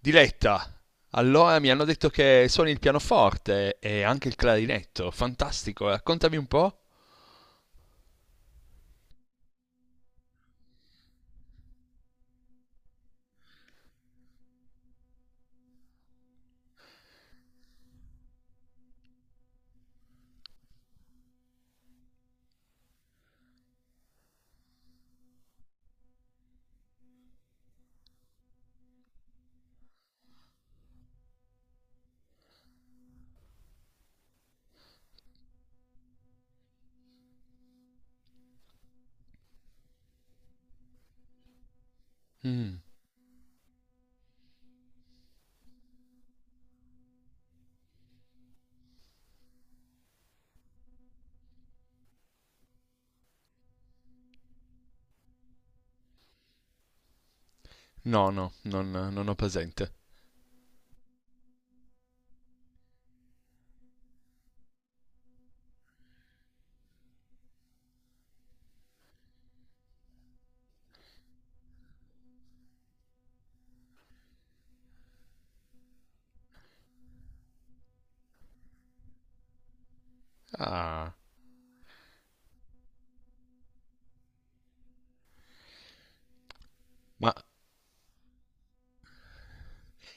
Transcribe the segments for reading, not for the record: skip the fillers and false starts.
Diletta, allora mi hanno detto che suoni il pianoforte e anche il clarinetto. Fantastico, raccontami un po'. Mm. No, no, non ho presente. Ah, ma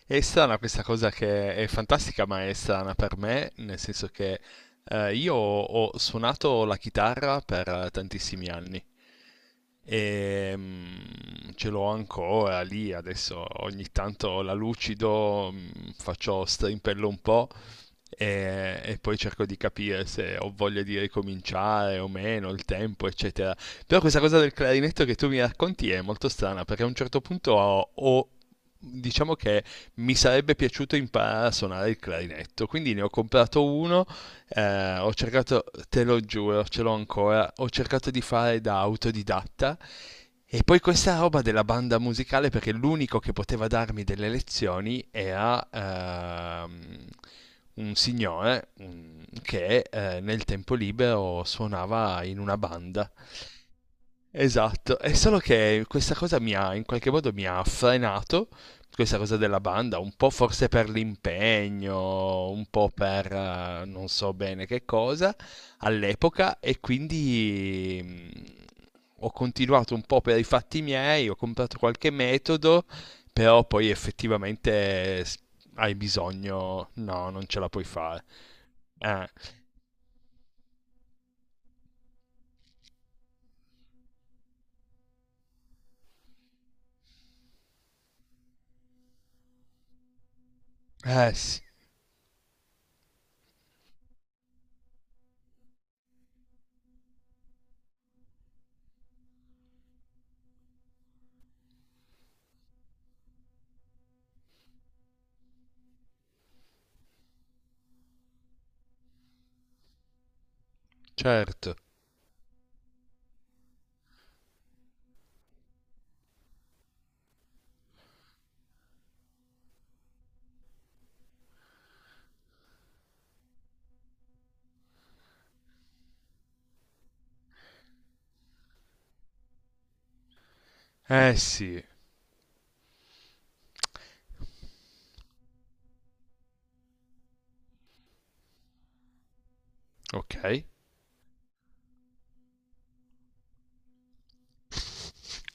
è strana questa cosa che è fantastica, ma è strana per me, nel senso che io ho suonato la chitarra per tantissimi anni. E, ce l'ho ancora lì, adesso ogni tanto la lucido, faccio strimpello un po' e poi cerco di capire se ho voglia di ricominciare o meno, il tempo, eccetera. Però questa cosa del clarinetto che tu mi racconti è molto strana perché a un certo punto diciamo che mi sarebbe piaciuto imparare a suonare il clarinetto, quindi ne ho comprato uno ho cercato, te lo giuro, ce l'ho ancora, ho cercato di fare da autodidatta e poi questa roba della banda musicale perché l'unico che poteva darmi delle lezioni era un signore che nel tempo libero suonava in una banda. Esatto, è solo che questa cosa mi ha, in qualche modo mi ha frenato, questa cosa della banda, un po' forse per l'impegno, un po' per non so bene che cosa all'epoca e quindi ho continuato un po' per i fatti miei, ho comprato qualche metodo, però poi effettivamente hai bisogno, no, non ce la puoi fare. Eh, eh sì, certo, eh sì, ok.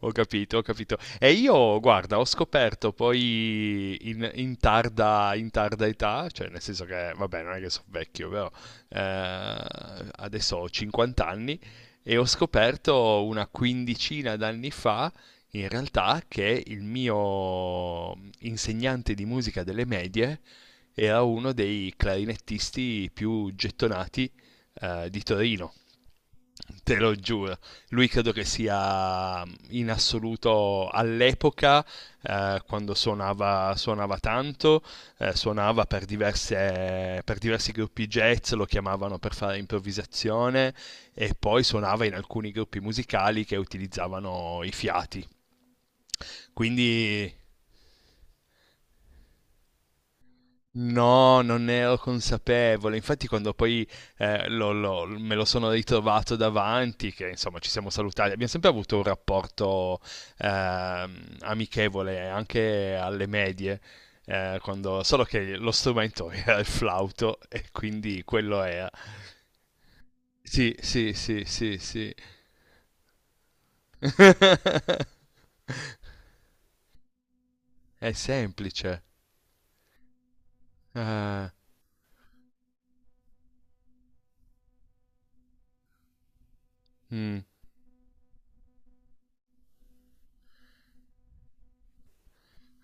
Ho capito, ho capito. E io, guarda, ho scoperto poi in tarda età, cioè nel senso che, vabbè, non è che sono vecchio, però eh, adesso ho 50 anni e ho scoperto una quindicina d'anni fa, in realtà, che il mio insegnante di musica delle medie era uno dei clarinettisti più gettonati di Torino. Te lo giuro, lui credo che sia in assoluto all'epoca, quando suonava, suonava tanto, suonava per, per diversi gruppi jazz, lo chiamavano per fare improvvisazione e poi suonava in alcuni gruppi musicali che utilizzavano i fiati. Quindi. No, non ne ero consapevole. Infatti, quando poi me lo sono ritrovato davanti, che insomma ci siamo salutati, abbiamo sempre avuto un rapporto amichevole anche alle medie, solo che lo strumento era il flauto e quindi quello era. Sì, sì, sì, sì, sì. È semplice. Eh. Mm.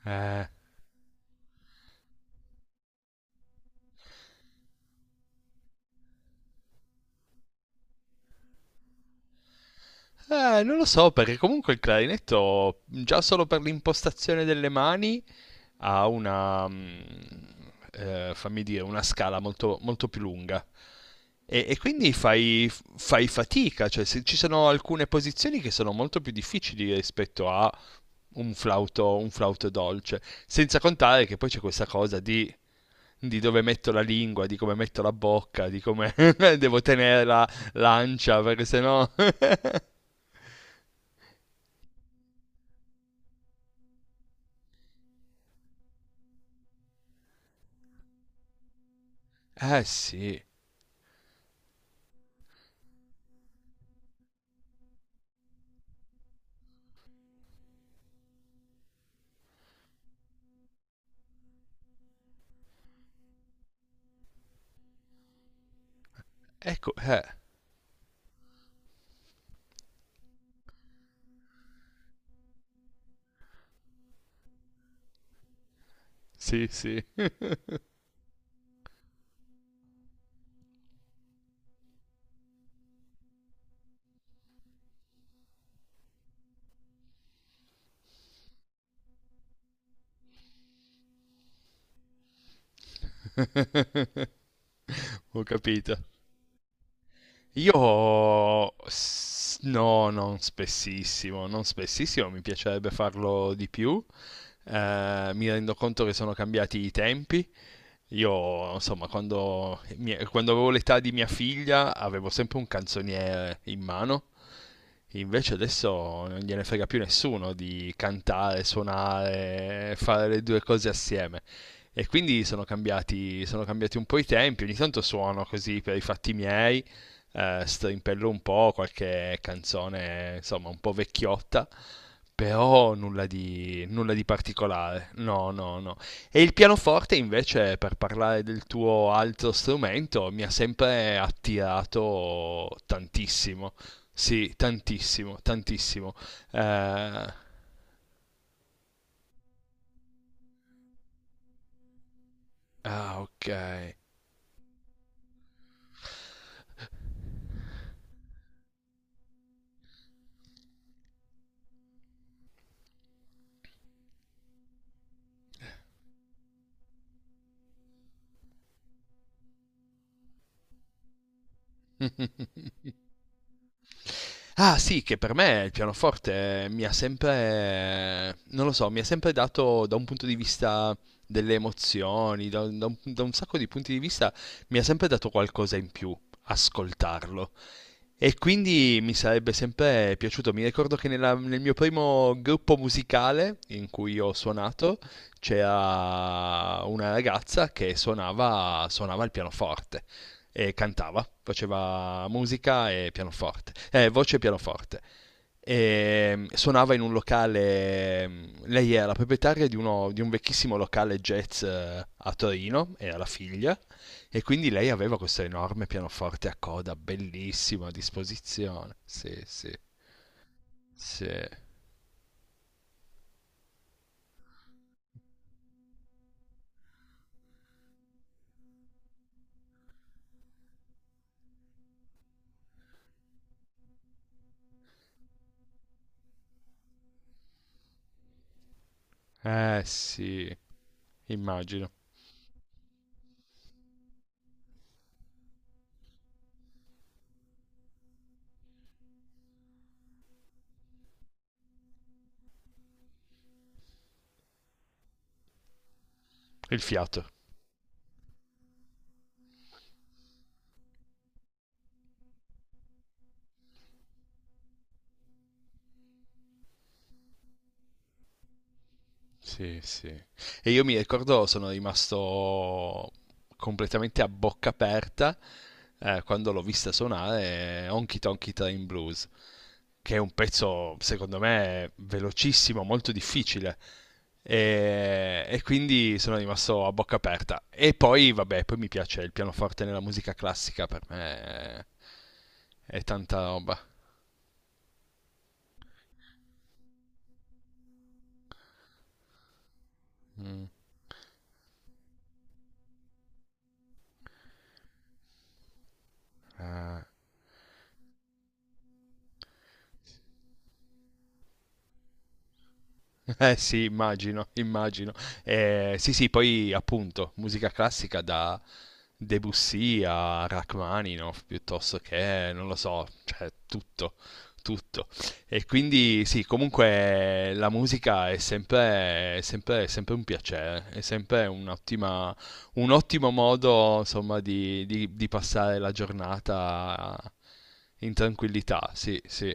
Eh. Non lo so, perché comunque il clarinetto, già solo per l'impostazione delle mani, ha una, fammi dire, una scala molto, molto più lunga. E quindi fai fatica, cioè ci sono alcune posizioni che sono molto più difficili rispetto a un flauto dolce. Senza contare che poi c'è questa cosa di, dove metto la lingua, di come metto la bocca, di come devo tenere la l'ancia, perché sennò... Eh sì. Ecco, sì, sì, ho capito. No, non spessissimo, non spessissimo, mi piacerebbe farlo di più. Mi rendo conto che sono cambiati i tempi. Io, insomma, quando avevo l'età di mia figlia avevo sempre un canzoniere in mano, invece adesso non gliene frega più nessuno di cantare, suonare, fare le due cose assieme. E quindi sono cambiati un po' i tempi, ogni tanto suono così per i fatti miei, strimpello un po' qualche canzone, insomma, un po' vecchiotta però nulla di particolare, no, no, no. E il pianoforte invece, per parlare del tuo altro strumento, mi ha sempre attirato tantissimo. Sì, tantissimo, tantissimo. Eh. Ah, ok. Ah sì, che per me il pianoforte mi ha sempre, non lo so, mi ha sempre dato da un punto di vista delle emozioni, da un sacco di punti di vista, mi ha sempre dato qualcosa in più ascoltarlo. E quindi mi sarebbe sempre piaciuto. Mi ricordo che nel mio primo gruppo musicale in cui ho suonato c'era una ragazza che suonava il pianoforte e cantava, faceva musica e pianoforte, voce e pianoforte. E suonava in un locale, lei era la proprietaria di, di un vecchissimo locale jazz a Torino, era la figlia, e quindi lei aveva questo enorme pianoforte a coda, bellissimo, a disposizione. Sì, sì, sì. Sì, immagino. Il fiato. Sì, sì. E io mi ricordo, sono rimasto completamente a bocca aperta quando l'ho vista suonare Honky Tonky Train Blues. Che è un pezzo secondo me velocissimo, molto difficile. E quindi sono rimasto a bocca aperta. E poi, vabbè, poi mi piace il pianoforte nella musica classica, per me è, è tanta roba. Mm. Eh. Eh sì, immagino, immagino. Sì, sì, poi appunto, musica classica da Debussy a Rachmaninoff, piuttosto che, non lo so, cioè tutto, tutto. E quindi sì, comunque la musica è sempre un piacere, è sempre un ottimo modo, insomma, di passare la giornata in tranquillità, sì, sì.